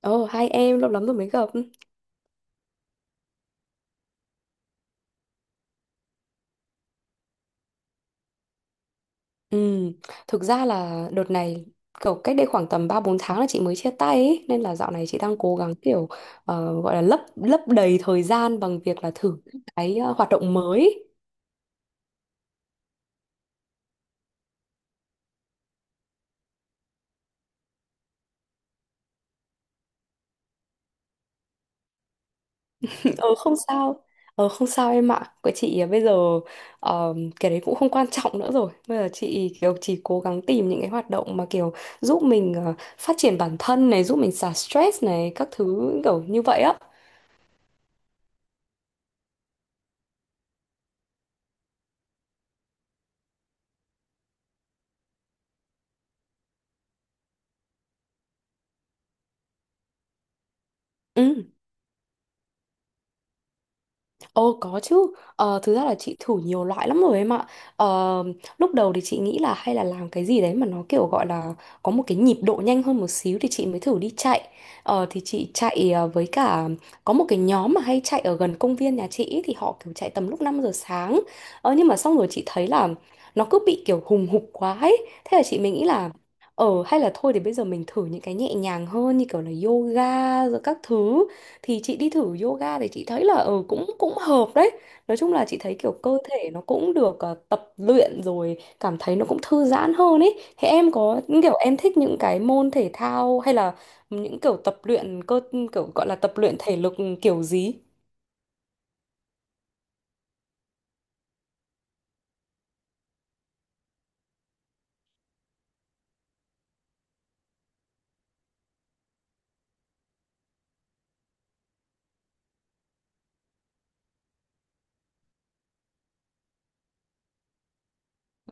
Ồ, hai em lâu lắm rồi mới gặp. Ừ, thực ra là đợt này kiểu cách đây khoảng tầm 3-4 tháng là chị mới chia tay ấy, nên là dạo này chị đang cố gắng kiểu gọi là lấp lấp đầy thời gian bằng việc là thử những cái hoạt động mới. Ờ không sao. Ờ không sao em ạ. Của chị bây giờ ờ, cái đấy cũng không quan trọng nữa rồi. Bây giờ chị kiểu chỉ cố gắng tìm những cái hoạt động mà kiểu giúp mình phát triển bản thân này, giúp mình xả stress này, các thứ kiểu như vậy á. Ừ. Ồ có chứ, thực ra là chị thử nhiều loại lắm rồi em ạ. ờ, Lúc đầu thì chị nghĩ là hay là làm cái gì đấy mà nó kiểu gọi là có một cái nhịp độ nhanh hơn một xíu thì chị mới thử đi chạy. Thì chị chạy với cả có một cái nhóm mà hay chạy ở gần công viên nhà chị ý, thì họ kiểu chạy tầm lúc 5 giờ sáng. Nhưng mà xong rồi chị thấy là nó cứ bị kiểu hùng hục quá ấy. Thế là chị mình nghĩ là hay là thôi thì bây giờ mình thử những cái nhẹ nhàng hơn, như kiểu là yoga rồi các thứ, thì chị đi thử yoga thì chị thấy là ừ cũng cũng hợp đấy. Nói chung là chị thấy kiểu cơ thể nó cũng được tập luyện rồi cảm thấy nó cũng thư giãn hơn ấy. Thế em có những kiểu em thích những cái môn thể thao hay là những kiểu tập luyện cơ, kiểu gọi là tập luyện thể lực kiểu gì?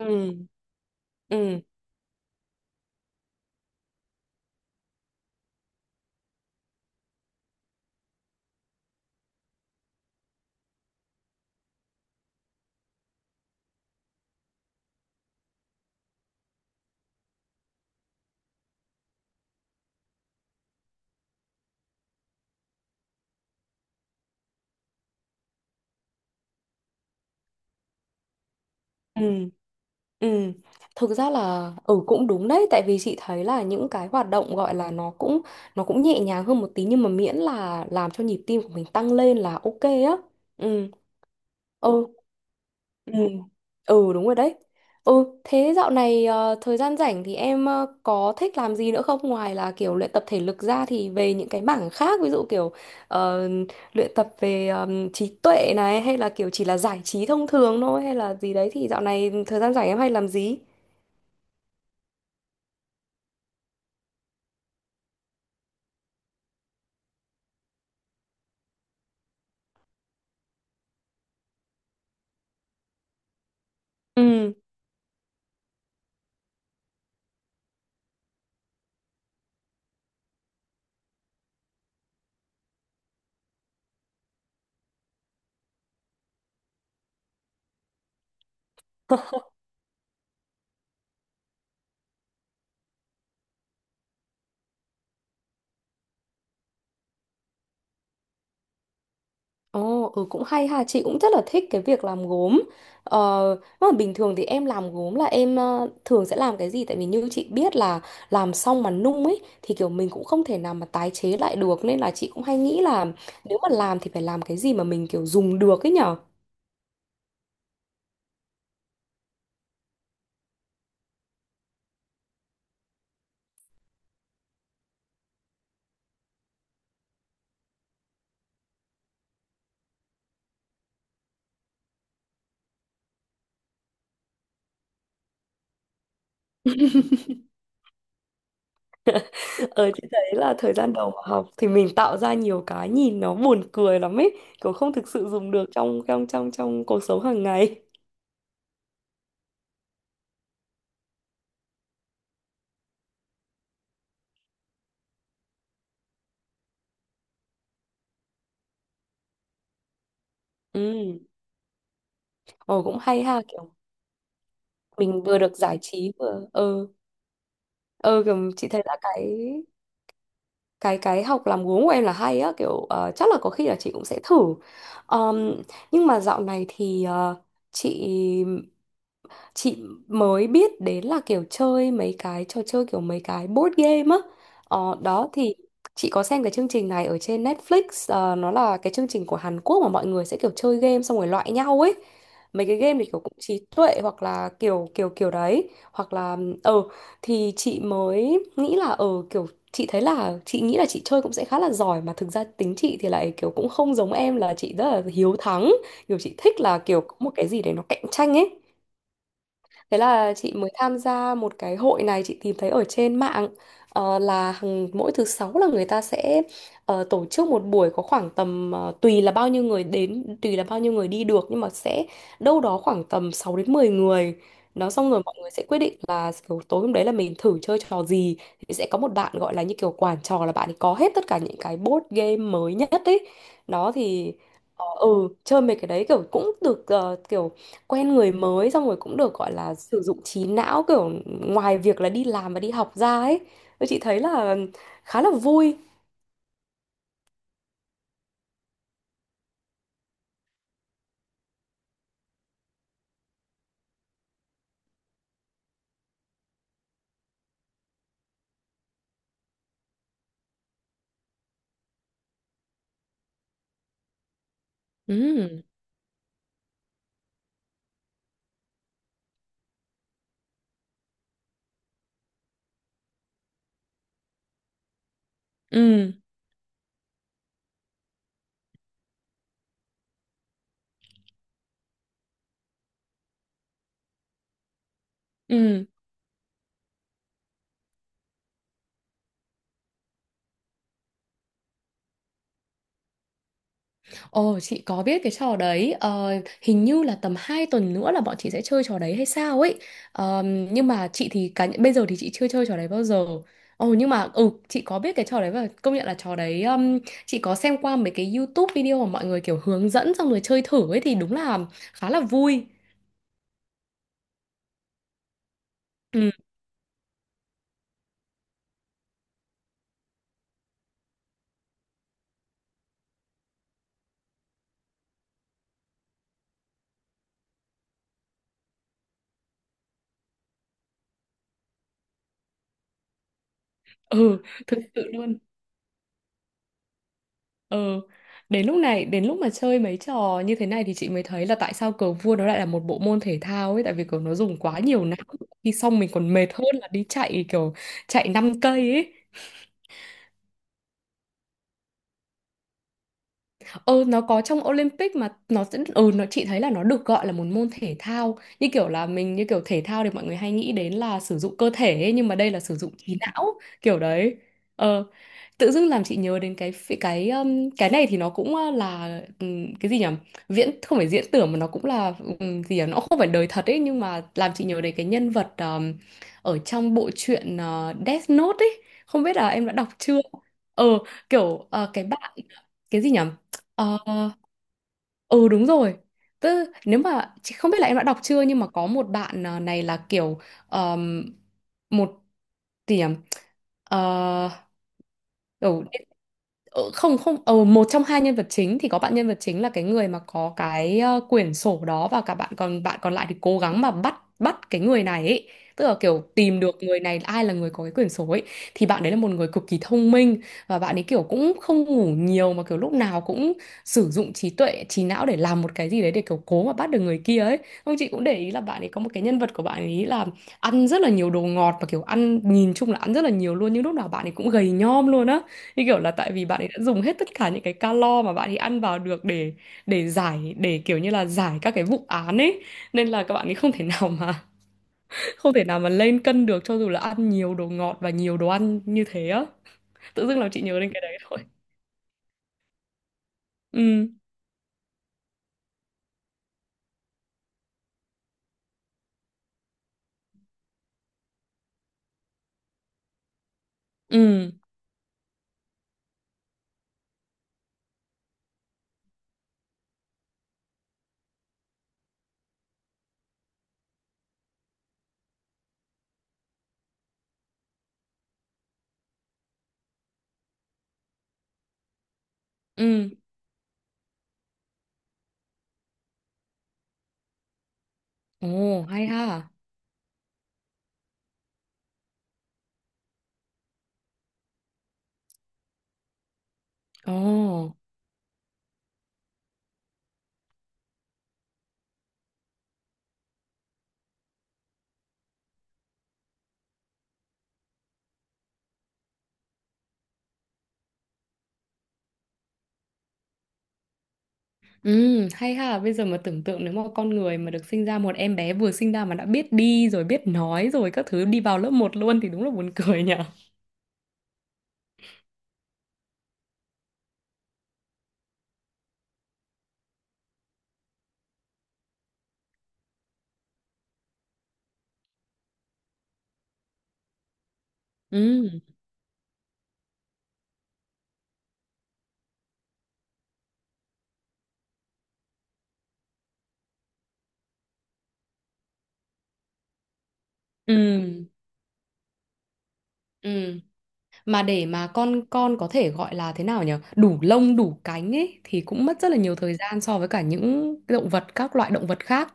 Ừ, ừ, ừ, ừ, thực ra là ừ cũng đúng đấy, tại vì chị thấy là những cái hoạt động gọi là nó cũng nhẹ nhàng hơn một tí, nhưng mà miễn là làm cho nhịp tim của mình tăng lên là ok á. Ừ, ừ. Ừ. Ừ đúng rồi đấy. Ừ, thế dạo này thời gian rảnh thì em có thích làm gì nữa không, ngoài là kiểu luyện tập thể lực ra thì về những cái mảng khác, ví dụ kiểu ờ, luyện tập về trí tuệ này, hay là kiểu chỉ là giải trí thông thường thôi, hay là gì đấy, thì dạo này thời gian rảnh em hay làm gì? Ừ. Ồ, ừ cũng hay ha, chị cũng rất là thích cái việc làm gốm. Ờ, mà bình thường thì em làm gốm là em thường sẽ làm cái gì? Tại vì như chị biết là làm xong mà nung ấy thì kiểu mình cũng không thể nào mà tái chế lại được, nên là chị cũng hay nghĩ là nếu mà làm thì phải làm cái gì mà mình kiểu dùng được ấy nhở. Ờ chị thấy là thời gian đầu mà học thì mình tạo ra nhiều cái nhìn nó buồn cười lắm ấy, kiểu không thực sự dùng được trong trong trong trong cuộc sống hàng ngày. Ừ, ồ cũng hay ha, kiểu mình vừa được giải trí vừa ừ. Ừ, kiểu chị thấy là cái học làm gốm của em là hay á, kiểu chắc là có khi là chị cũng sẽ thử. Ờm, nhưng mà dạo này thì chị chị mới biết đến là kiểu chơi mấy cái trò chơi, kiểu mấy cái board game á. Đó thì chị có xem cái chương trình này ở trên Netflix. Nó là cái chương trình của Hàn Quốc mà mọi người sẽ kiểu chơi game xong rồi loại nhau ấy. Mấy cái game thì kiểu cũng trí tuệ, hoặc là kiểu kiểu kiểu đấy, hoặc là ờ thì chị mới nghĩ là kiểu chị thấy là chị nghĩ là chị chơi cũng sẽ khá là giỏi, mà thực ra tính chị thì lại kiểu cũng không giống em, là chị rất là hiếu thắng, kiểu chị thích là kiểu có một cái gì đấy nó cạnh tranh ấy. Thế là chị mới tham gia một cái hội này chị tìm thấy ở trên mạng. Là mỗi thứ sáu là người ta sẽ tổ chức một buổi, có khoảng tầm tùy là bao nhiêu người đến, tùy là bao nhiêu người đi được, nhưng mà sẽ đâu đó khoảng tầm 6 đến 10 người. Nó xong rồi mọi người sẽ quyết định là kiểu tối hôm đấy là mình thử chơi trò gì, thì sẽ có một bạn gọi là như kiểu quản trò, là bạn ấy có hết tất cả những cái board game mới nhất ấy, nó thì ờ, ừ chơi mấy cái đấy kiểu cũng được, kiểu quen người mới, xong rồi cũng được gọi là sử dụng trí não, kiểu ngoài việc là đi làm và đi học ra ấy. Tôi chị thấy là khá là vui. Ừ, ừ, ừ. Ồ, chị có biết cái trò đấy. Ờ, hình như là tầm 2 tuần nữa là bọn chị sẽ chơi trò đấy hay sao ấy. Ờ, nhưng mà chị thì cá bây giờ thì chị chưa chơi trò đấy bao giờ. Ồ, nhưng mà ừ, chị có biết cái trò đấy, và công nhận là trò đấy chị có xem qua mấy cái YouTube video mà mọi người kiểu hướng dẫn xong rồi chơi thử ấy, thì đúng là khá là vui. Ừ, thực sự luôn. Ừ, đến lúc này, đến lúc mà chơi mấy trò như thế này thì chị mới thấy là tại sao cờ vua nó lại là một bộ môn thể thao ấy, tại vì kiểu nó dùng quá nhiều não. Khi xong mình còn mệt hơn là đi chạy, kiểu chạy 5 cây ấy. Ờ, nó có trong Olympic, mà nó sẽ nó chị thấy là nó được gọi là một môn thể thao, như kiểu là mình, như kiểu thể thao thì mọi người hay nghĩ đến là sử dụng cơ thể ấy, nhưng mà đây là sử dụng trí não kiểu đấy. Ờ, tự dưng làm chị nhớ đến cái này thì nó cũng là cái gì nhỉ? Viễn không phải diễn tưởng, mà nó cũng là gì nhỉ? Nó không phải đời thật ấy, nhưng mà làm chị nhớ đến cái nhân vật ở trong bộ truyện Death Note ấy. Không biết là em đã đọc chưa? Ờ, kiểu cái bạn cái gì nhỉ? Ờ, ừ đúng rồi. Tức nếu mà chị không biết là em đã đọc chưa, nhưng mà có một bạn này là kiểu ờm, một gì nhỉ? Ờ, kiểu không không một trong hai nhân vật chính, thì có bạn nhân vật chính là cái người mà có cái quyển sổ đó, và cả bạn còn lại thì cố gắng mà bắt bắt cái người này ấy. Tức là kiểu tìm được người này, ai là người có cái quyển sổ ấy, thì bạn đấy là một người cực kỳ thông minh, và bạn ấy kiểu cũng không ngủ nhiều, mà kiểu lúc nào cũng sử dụng trí tuệ, trí não để làm một cái gì đấy, để kiểu cố mà bắt được người kia ấy. Không, chị cũng để ý là bạn ấy có một cái nhân vật của bạn ấy là ăn rất là nhiều đồ ngọt, và kiểu ăn nhìn chung là ăn rất là nhiều luôn, nhưng lúc nào bạn ấy cũng gầy nhom luôn á, như kiểu là tại vì bạn ấy đã dùng hết tất cả những cái calo mà bạn ấy ăn vào được để giải kiểu như là giải các cái vụ án ấy, nên là các bạn ấy không thể nào mà không thể nào mà lên cân được, cho dù là ăn nhiều đồ ngọt và nhiều đồ ăn như thế á. Tự dưng làm chị nhớ đến cái đấy thôi. Ừ, ừ, ừ. Ồ hay ha. Ồ. Ừ, hay ha, bây giờ mà tưởng tượng nếu mà con người mà được sinh ra một em bé vừa sinh ra mà đã biết đi rồi biết nói rồi các thứ, đi vào lớp một luôn, thì đúng là buồn cười nhỉ. Ừ, ừ, ừ. Mà để mà con có thể gọi là thế nào nhỉ? Đủ lông, đủ cánh ấy thì cũng mất rất là nhiều thời gian so với cả những động vật, các loại động vật khác.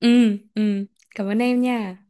Ừ, ừ. Cảm ơn em nha.